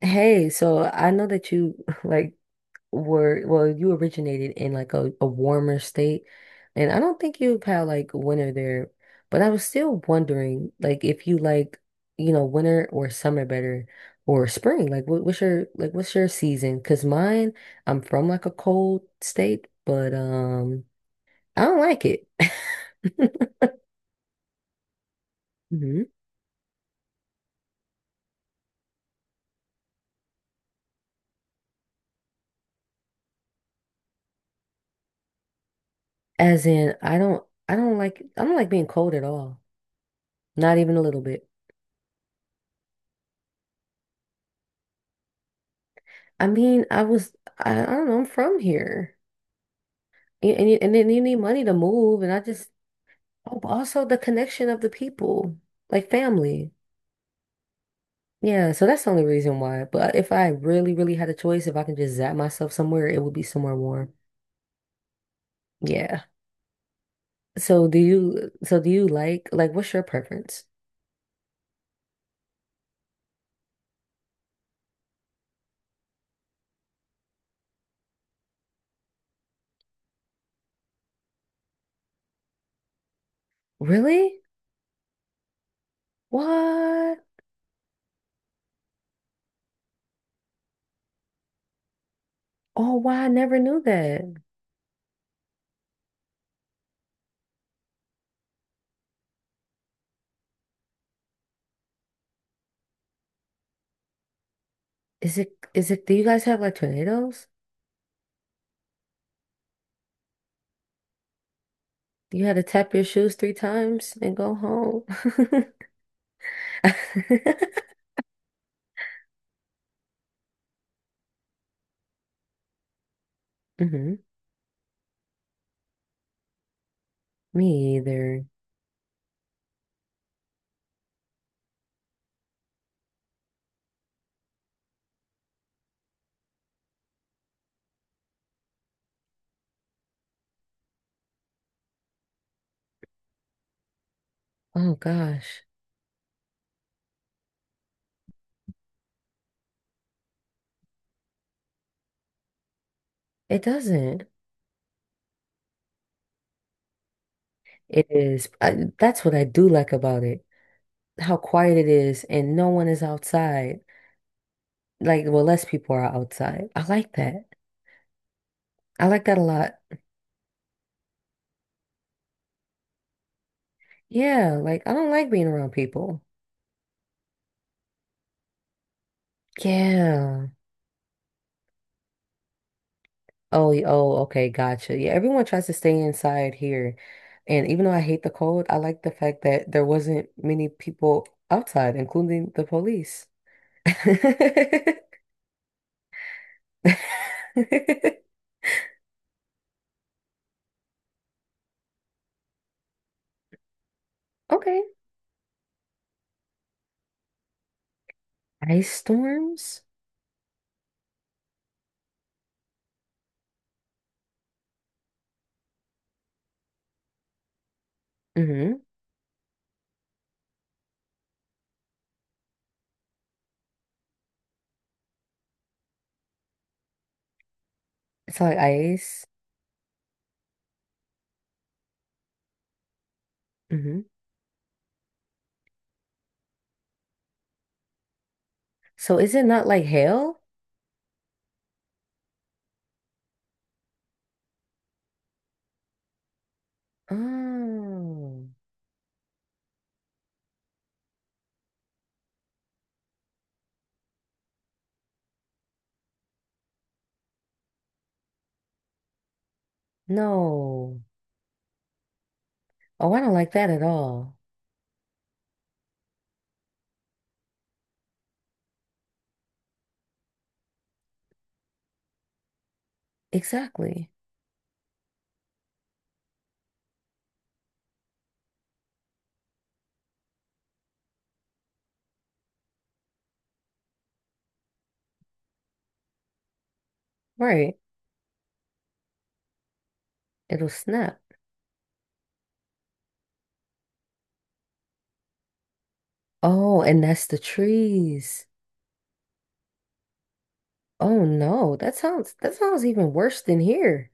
Hey, so I know that you like were well, you originated in like a warmer state, and I don't think you've had like winter there, but I was still wondering like if you like, you know, winter or summer better or spring. Like what's your season? 'Cause mine, I'm from like a cold state, but I don't like it. Mhm. As in I don't like being cold at all. Not even a little bit. I mean, I was, I don't know, I'm from here. And, you, and then you need money to move. And I just, oh, but also the connection of the people, like family. Yeah, so that's the only reason why. But if I really, really had a choice, if I can just zap myself somewhere, it would be somewhere warm. Yeah. So do you like, what's your preference? Really? What? Oh, wow, I never knew that. Do you guys have like tornadoes? You had to tap your shoes three times and go home. Hmm. Me either. Oh gosh, it doesn't. It is. That's what I do like about it. How quiet it is, and no one is outside. Like, well, less people are outside. I like that. I like that a lot. Yeah, like I don't like being around people. Yeah. Oh, okay, gotcha. Yeah, everyone tries to stay inside here. And even though I hate the cold, I like the fact that there wasn't many people outside, including the police. Okay. Ice storms? Mm-hmm. It's like ice. Mm-hmm. So is it not like hail? Oh, no. Oh, I don't like that at all. Exactly. Right. It'll snap. Oh, and that's the trees. Oh no, that sounds even worse than here.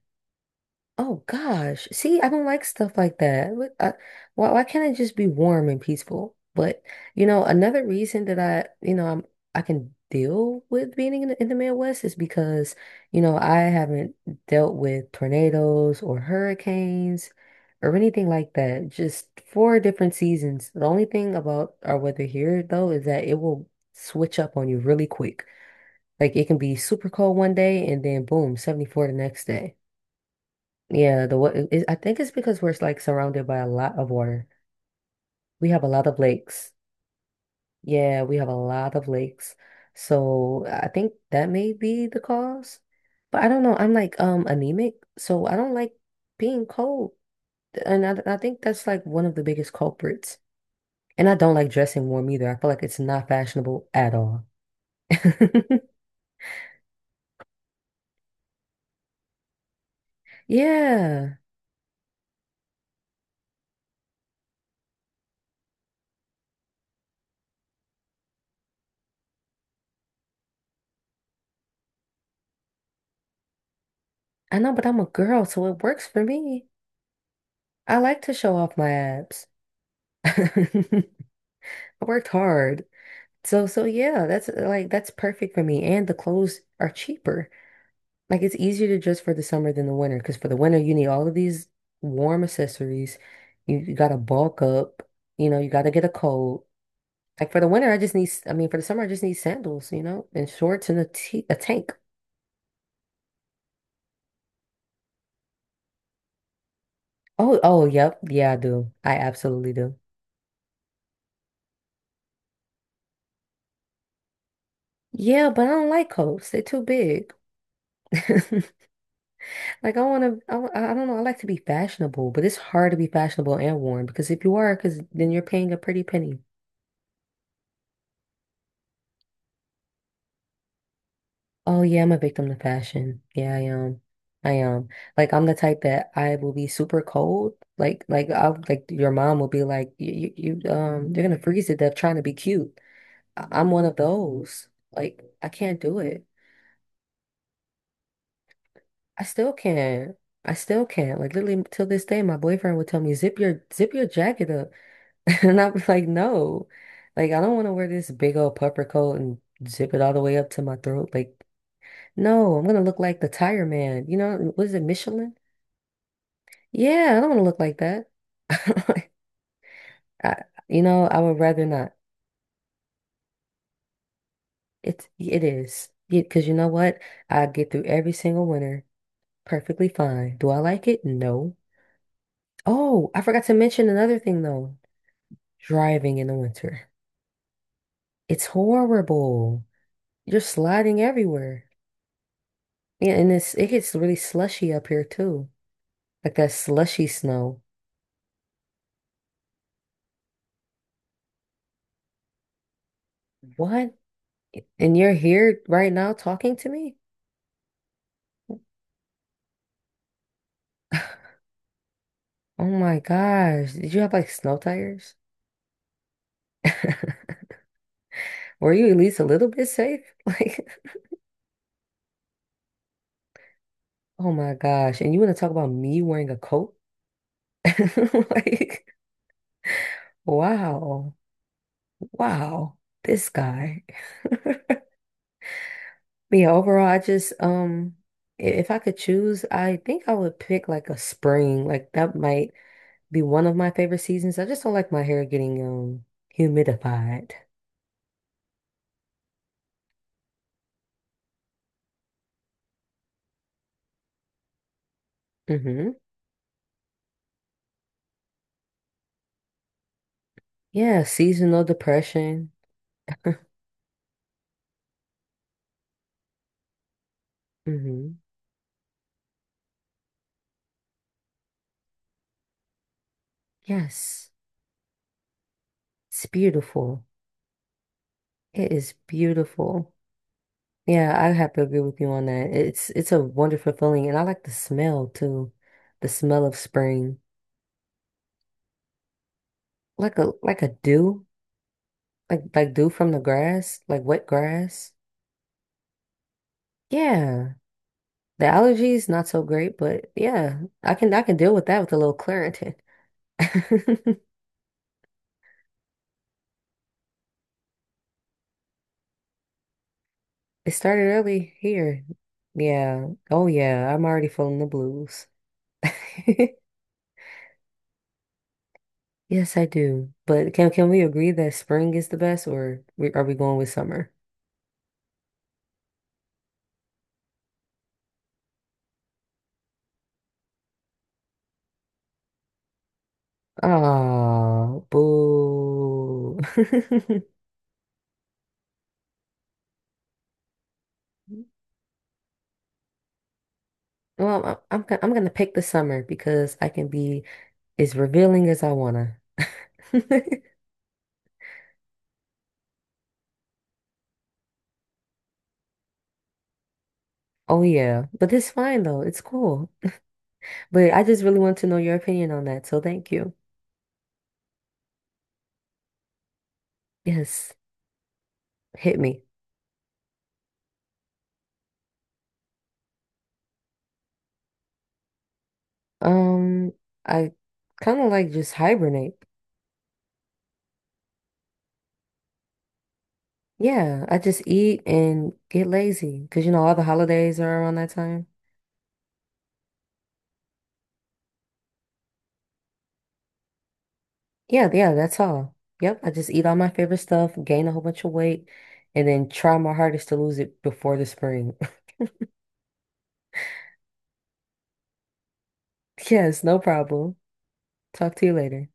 Oh gosh. See, I don't like stuff like that. Why can't it just be warm and peaceful? But you know, another reason that I'm I can deal with being in the Midwest is because, you know, I haven't dealt with tornadoes or hurricanes or anything like that. Just four different seasons. The only thing about our weather here though is that it will switch up on you really quick. Like it can be super cold one day and then boom, 74 the next day. Yeah, the what I think it's because we're like surrounded by a lot of water. We have a lot of lakes. Yeah, we have a lot of lakes. So I think that may be the cause. But I don't know. I'm like anemic, so I don't like being cold. And I think that's like one of the biggest culprits. And I don't like dressing warm either. I feel like it's not fashionable at all. Yeah, I know, but I'm a girl, so it works for me. I like to show off my abs. I worked hard. So yeah, that's like that's perfect for me. And the clothes are cheaper. Like it's easier to dress for the summer than the winter because for the winter you need all of these warm accessories. You gotta bulk up. You know, you gotta get a coat. Like for the winter, I just need. I mean, for the summer, I just need sandals. You know, and shorts and a tank. Oh yep yeah I do. I absolutely do. Yeah, but I don't like coats. They're too big. Like I want to, I don't know. I like to be fashionable, but it's hard to be fashionable and warm because if you are, because then you're paying a pretty penny. Oh yeah, I'm a victim to fashion. Yeah, I am. I am. Like I'm the type that I will be super cold. Like your mom will be like you're gonna freeze to death trying to be cute. I'm one of those. Like I can't do it. I still can't. I still can't. Like literally till this day, my boyfriend would tell me zip your jacket up. And I was like, no, like I don't want to wear this big old puffer coat and zip it all the way up to my throat. Like, no, I'm gonna look like the tire man. You know, what is it, Michelin? Yeah, I don't want to look like that. I, you know, I would rather not. It is because you know what? I get through every single winter perfectly fine. Do I like it? No. Oh, I forgot to mention another thing though. Driving in the winter. It's horrible. You're sliding everywhere. Yeah, and it gets really slushy up here too. Like that slushy snow. What? And you're here right now talking to me? Oh my gosh. Did you have like snow tires? Were you at least a little bit safe? Like, oh my gosh. And you want to talk about me wearing a coat? Like, wow. Wow. This guy. Yeah, overall, I just if I could choose, I think I would pick like a spring. Like that might be one of my favorite seasons. I just don't like my hair getting humidified. Mm-hmm. Yeah, seasonal depression. Mm-hmm. Yes. It's beautiful. It is beautiful. Yeah, I have to agree with you on that. It's a wonderful feeling and I like the smell too. The smell of spring. Like a dew. Dew from the grass, like wet grass. Yeah. The allergies not so great, but yeah, I can deal with that with a little Claritin. It started early here. Yeah. Oh yeah, I'm already feeling the blues. Yes, I do. But can we agree that spring is the best or are we going with summer? Oh, boo. Well, I'm gonna pick the summer because I can be as revealing as I wanna. Oh yeah, but it's fine though. It's cool. But I just really want to know your opinion on that, so thank you. Yes, hit me. Um, I kind of like just hibernate. Yeah, I just eat and get lazy because you know all the holidays are around that time. Yeah, yeah, that's all. Yep, I just eat all my favorite stuff, gain a whole bunch of weight, and then try my hardest to lose it before the spring. Yes, no problem. Talk to you later.